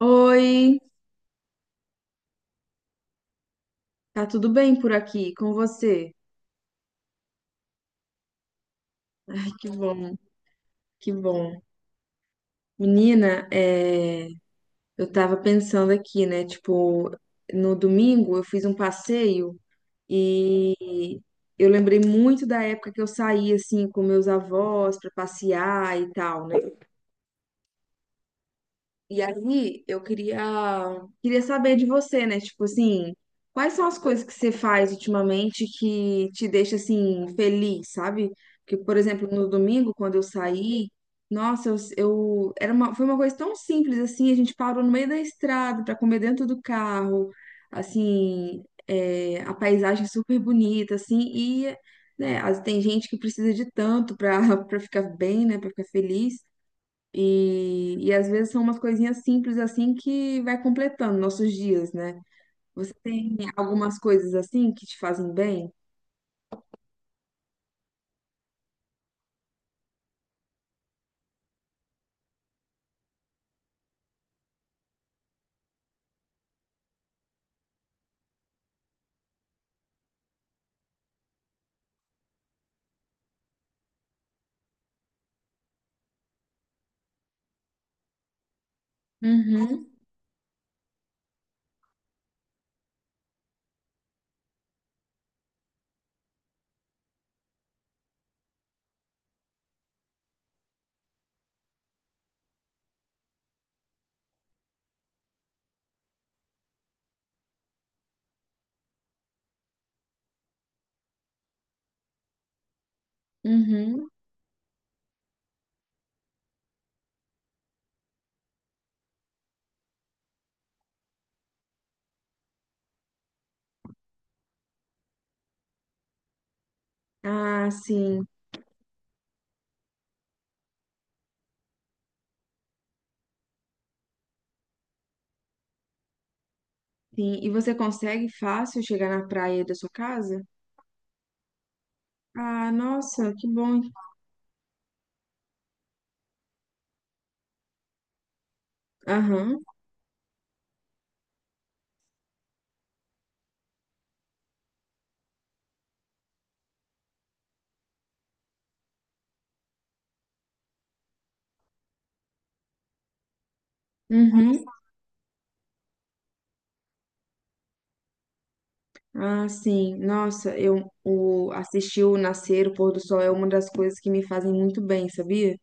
Oi, tá tudo bem por aqui com você? Ai, que bom, que bom. Menina, eu tava pensando aqui, né? Tipo, no domingo eu fiz um passeio e eu lembrei muito da época que eu saía assim com meus avós pra passear e tal, né? E aí, queria saber de você, né? Tipo assim, quais são as coisas que você faz ultimamente que te deixa assim feliz, sabe? Porque, por exemplo, no domingo, quando eu saí, nossa, era uma, foi uma coisa tão simples assim, a gente parou no meio da estrada para comer dentro do carro, assim, é, a paisagem é super bonita, assim, e né, as- tem gente que precisa de tanto para para ficar bem, né, para ficar feliz. E às vezes são umas coisinhas simples assim que vai completando nossos dias, né? Você tem algumas coisas assim que te fazem bem? Uhum, uhum. Ah, sim, sim. E você consegue fácil chegar na praia da sua casa? Ah, nossa, que bom. Aham. Uhum. Ah, sim. Nossa, eu o, assistir o nascer, o pôr do sol é uma das coisas que me fazem muito bem, sabia?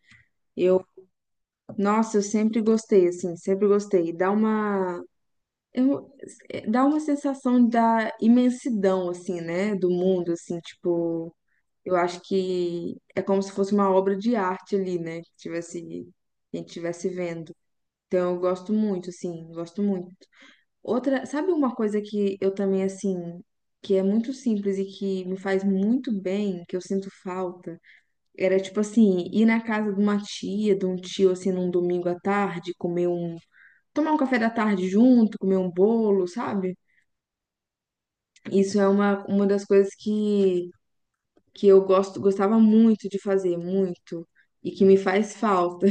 Eu, nossa, eu sempre gostei, assim, sempre gostei. Dá uma, eu, é, dá uma sensação da imensidão, assim, né, do mundo, assim, tipo, eu acho que é como se fosse uma obra de arte ali, né, que tivesse, que a gente estivesse vendo. Então, eu gosto muito, assim, gosto muito. Outra, sabe uma coisa que eu também, assim, que é muito simples e que me faz muito bem, que eu sinto falta? Era, tipo assim, ir na casa de uma tia, de um tio, assim, num domingo à tarde, comer um. Tomar um café da tarde junto, comer um bolo, sabe? Isso é uma das coisas que eu gosto, gostava muito de fazer, muito, e que me faz falta.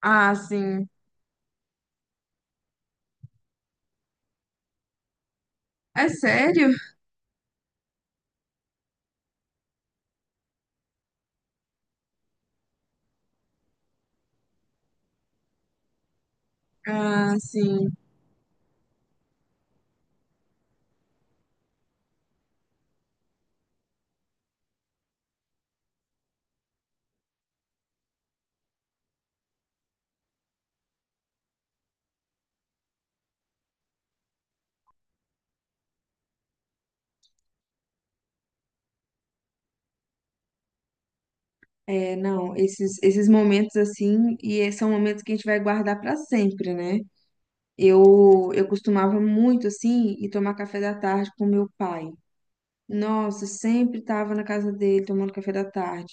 Ah, sim. É sério? Ah, sim. É, não, esses momentos assim, e é- são momentos que a gente vai guardar pra sempre, né? Eu costumava muito assim ir tomar café da tarde com meu pai. Nossa, sempre estava na casa dele tomando café da tarde.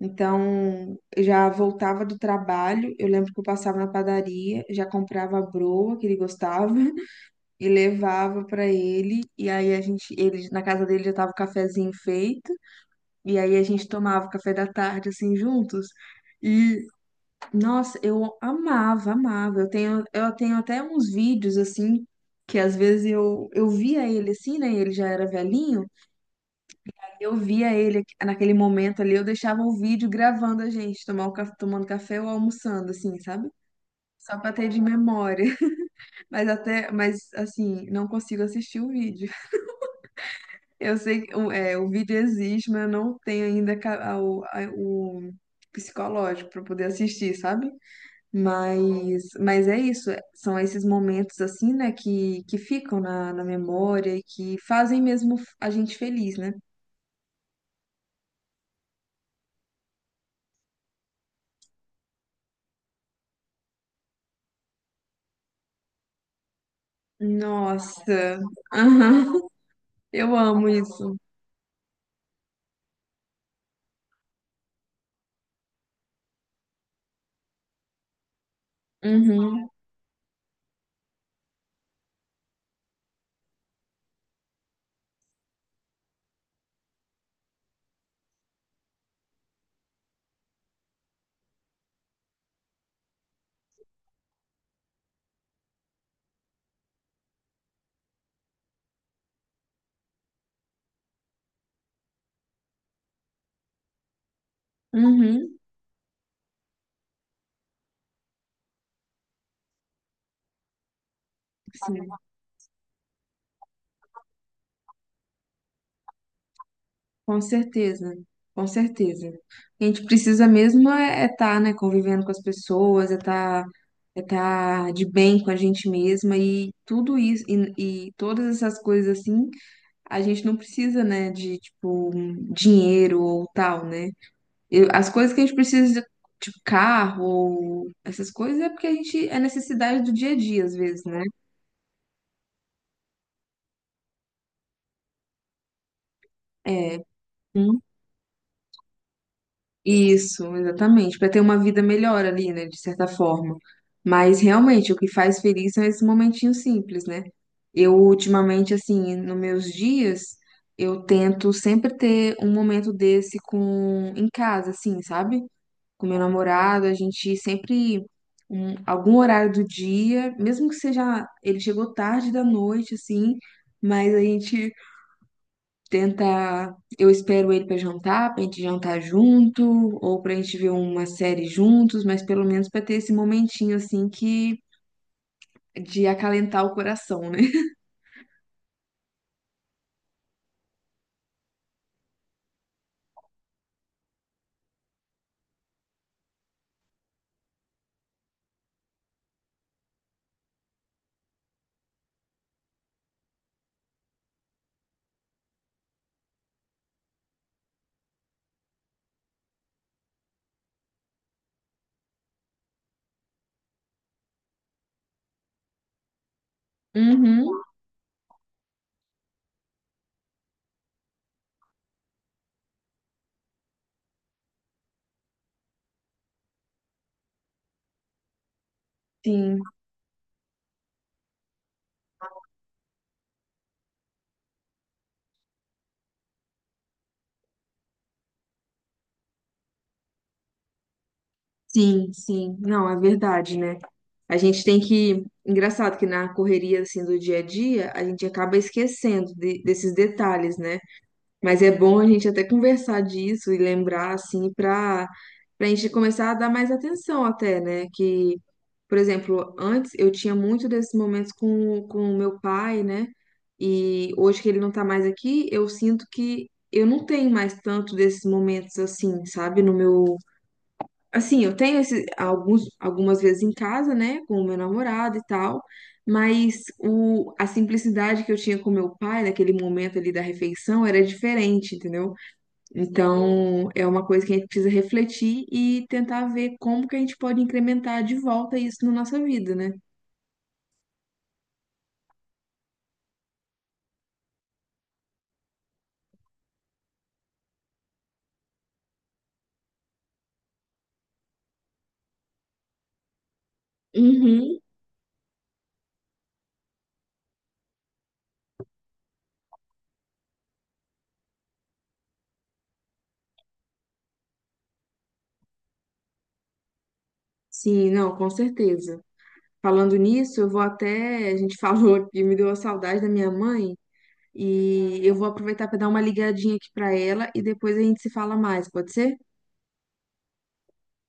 Então, eu já voltava do trabalho, eu lembro que eu passava na padaria, já comprava a broa que ele gostava e levava para ele, e aí a gente, ele, na casa dele já tava o cafezinho feito, e aí a gente tomava o café da tarde assim juntos. Nossa, eu amava, amava. Eu tenho até uns vídeos assim que às vezes eu via ele assim, né? Ele já era velhinho. Eu via ele naquele momento ali, eu deixava o vídeo gravando a gente tomar o, caf- tomando café ou almoçando, assim, sabe? Só pra ter de memória. Mas até, mas assim, não consigo assistir o vídeo. Eu sei que o, é, o vídeo existe, mas eu não tenho ainda ca- a- o psicológico pra poder assistir, sabe? Mas é isso, é- são esses momentos assim, né, que ficam na, na memória e que fazem mesmo a gente feliz, né? Nossa, aham. Eu amo isso. Uhum, uhum, sim, com certeza, com certeza. A gente precisa mesmo é estar, né, convivendo com as pessoas, é estar é tá de bem com a gente mesma e tudo isso, e todas essas coisas assim. A gente não precisa, né, de, tipo, dinheiro ou tal, né? Eu- as coisas que a gente precisa, tipo, carro ou essas coisas, é porque a gente é necessidade do dia a dia, às vezes, né? É. Hum. Isso, exatamente, para ter uma vida melhor ali, né, de certa forma. Mas realmente o que faz feliz são esses momentinhos simples, né? Eu ultimamente, assim, nos meus dias, eu tento sempre ter um momento desse com em casa, assim, sabe? Com meu namorado, a gente sempre, um- algum horário do dia, mesmo que seja, ele chegou tarde da noite, assim, mas a gente tenta, eu espero ele pra jantar, pra gente jantar junto, ou pra gente ver uma série juntos, mas pelo menos pra ter esse momentinho, assim, que, de acalentar o coração, né? Uhum, sim. Sim, sim. Não, é verdade, né? A gente tem que. Engraçado que na correria assim do dia a dia, a gente acaba esquecendo de- desses detalhes, né? Mas é bom a gente até conversar disso e lembrar assim para a gente começar a dar mais atenção até, né? Que, por exemplo, antes eu tinha muito desses momentos com o meu pai, né? E hoje que ele não tá mais aqui, eu sinto que eu não tenho mais tanto desses momentos assim, sabe, no meu. Assim, eu tenho esse, algumas vezes em casa, né, com o meu namorado e tal, mas o, a simplicidade que eu tinha com meu pai naquele momento ali da refeição era diferente, entendeu? Então, é uma coisa que a gente precisa refletir e tentar ver como que a gente pode incrementar de volta isso na nossa vida, né? Uhum. Sim, não, com certeza. Falando nisso, eu vou até. A gente falou aqui, me deu a saudade da minha mãe. E eu vou aproveitar para dar uma ligadinha aqui para ela e depois a gente se fala mais, pode ser?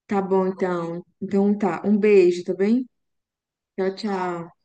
Tá bom, então. Então tá. Um beijo, tá bem? Tchau, tchau.